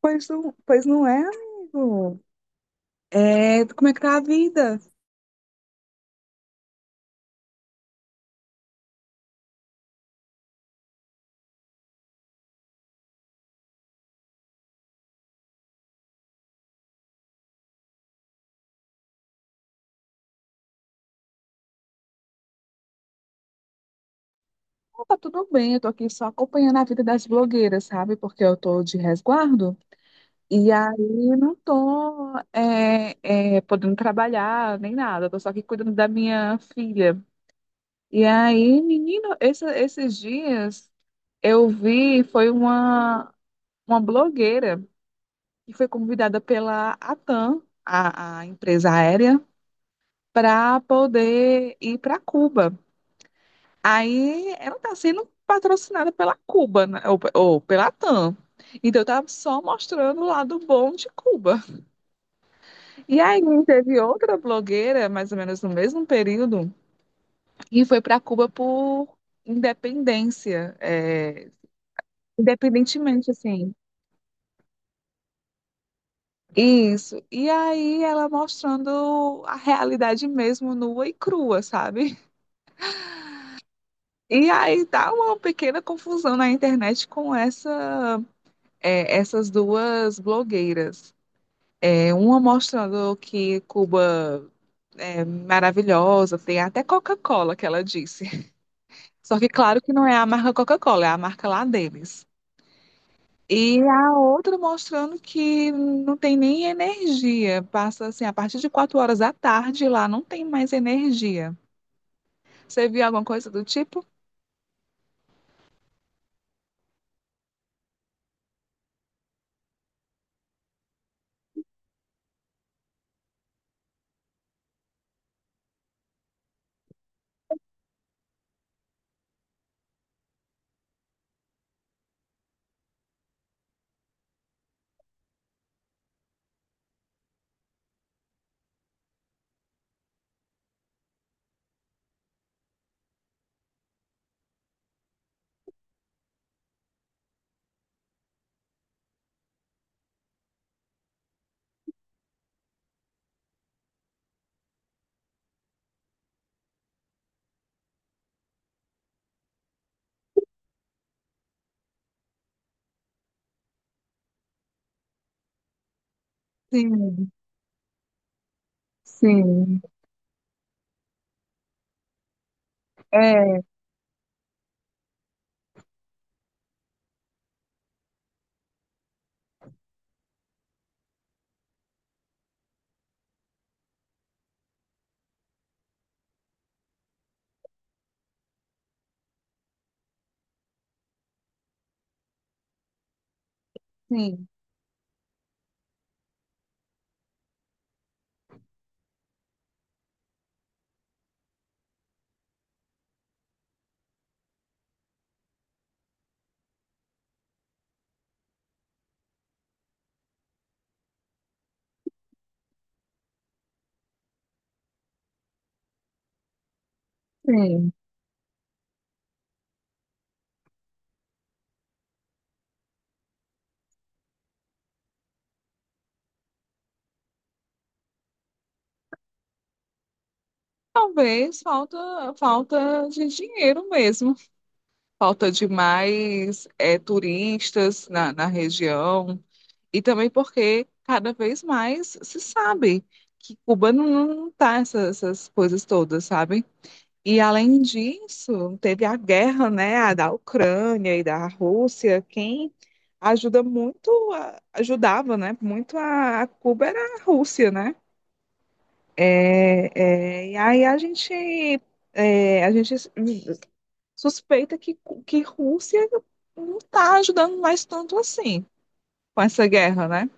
Pois não é, amigo. É, como é que tá a vida? Ah, tá tudo bem, eu tô aqui só acompanhando a vida das blogueiras, sabe? Porque eu tô de resguardo e aí não tô é, podendo trabalhar nem nada, tô só aqui cuidando da minha filha. E aí, menino, esses dias eu vi, foi uma blogueira que foi convidada pela ATAM, a empresa aérea, para poder ir para Cuba. Aí ela está sendo patrocinada pela Cuba, né? Ou pela TAM. Então eu tava só mostrando o lado bom de Cuba. E aí teve outra blogueira, mais ou menos no mesmo período, e foi para Cuba por independência, independentemente, assim. Isso. E aí ela mostrando a realidade mesmo nua e crua, sabe? E aí dá uma pequena confusão na internet com essa, essas duas blogueiras. É uma mostrando que Cuba é maravilhosa, tem até Coca-Cola que ela disse. Só que claro que não é a marca Coca-Cola, é a marca lá deles. E a outra mostrando que não tem nem energia. Passa assim, a partir de 4 horas da tarde lá não tem mais energia. Você viu alguma coisa do tipo? Sim, sim. É, sim, sim. Talvez falta de dinheiro mesmo. Falta de mais turistas na região e também porque cada vez mais se sabe que Cuba não tá essas coisas todas, sabe? E além disso, teve a guerra, né, a da Ucrânia e da Rússia, quem ajuda muito, ajudava, né, muito a Cuba era a Rússia, né? É, e aí a gente suspeita que Rússia não está ajudando mais tanto assim com essa guerra, né?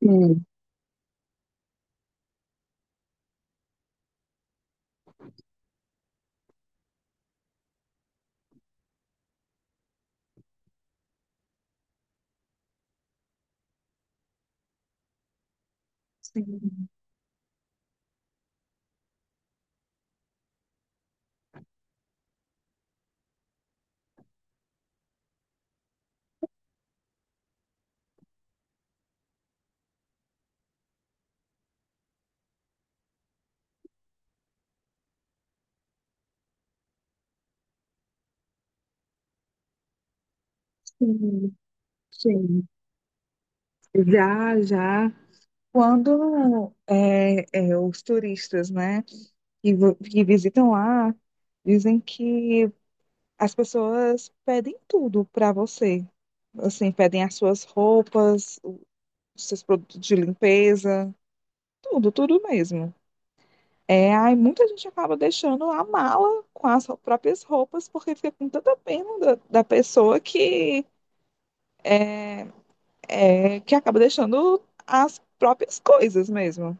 Sim, sim, sim, sim. Já, já. Quando os turistas, né, que visitam lá, dizem que as pessoas pedem tudo para você. Assim, pedem as suas roupas, os seus produtos de limpeza, tudo, tudo mesmo. É, aí muita gente acaba deixando a mala com as próprias roupas, porque fica com tanta pena da pessoa que acaba deixando as próprias coisas mesmo.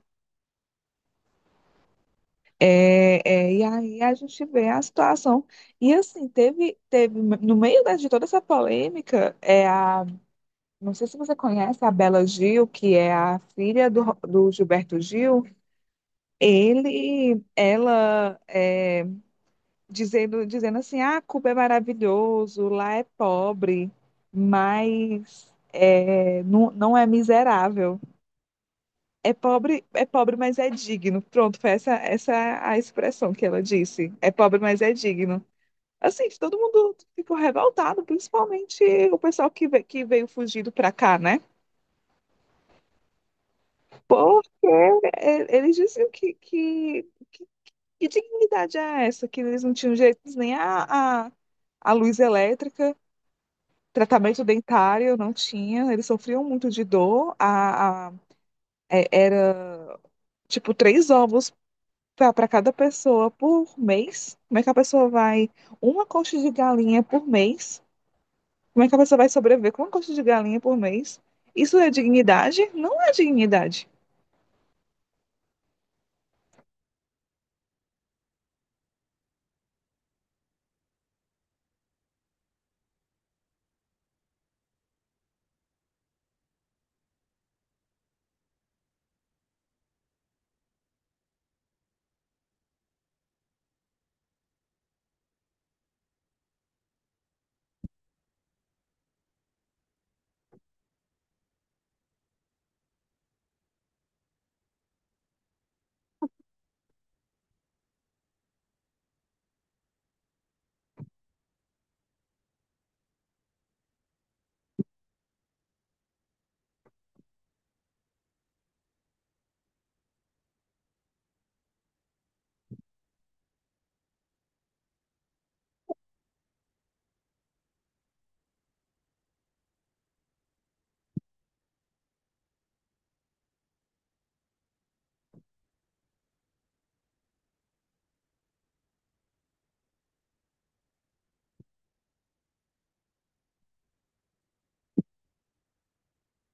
É, e aí a gente vê a situação. E assim, teve no meio de toda essa polêmica, não sei se você conhece a Bela Gil, que é a filha do Gilberto Gil, ela dizendo assim, ah, Cuba é maravilhoso, lá é pobre, mas não, não é miserável. É pobre, mas é digno. Pronto, foi essa a expressão que ela disse. É pobre, mas é digno. Assim, todo mundo ficou revoltado, principalmente o pessoal que veio fugido para cá, né? Porque, eles diziam que, que dignidade é essa? Que eles não tinham direito nem a luz elétrica, tratamento dentário, não tinha. Eles sofriam muito de dor. Era tipo três ovos para cada pessoa por mês. Como é que a pessoa vai? Uma coxa de galinha por mês. Como é que a pessoa vai sobreviver com uma coxa de galinha por mês? Isso é dignidade? Não é dignidade.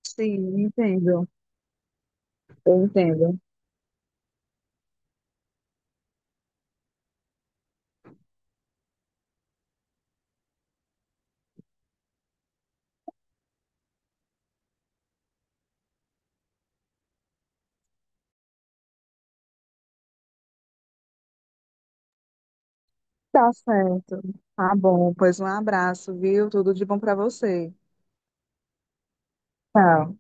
Sim, entendo. Eu entendo. Tá certo. Tá bom, pois um abraço, viu? Tudo de bom para você. Tchau.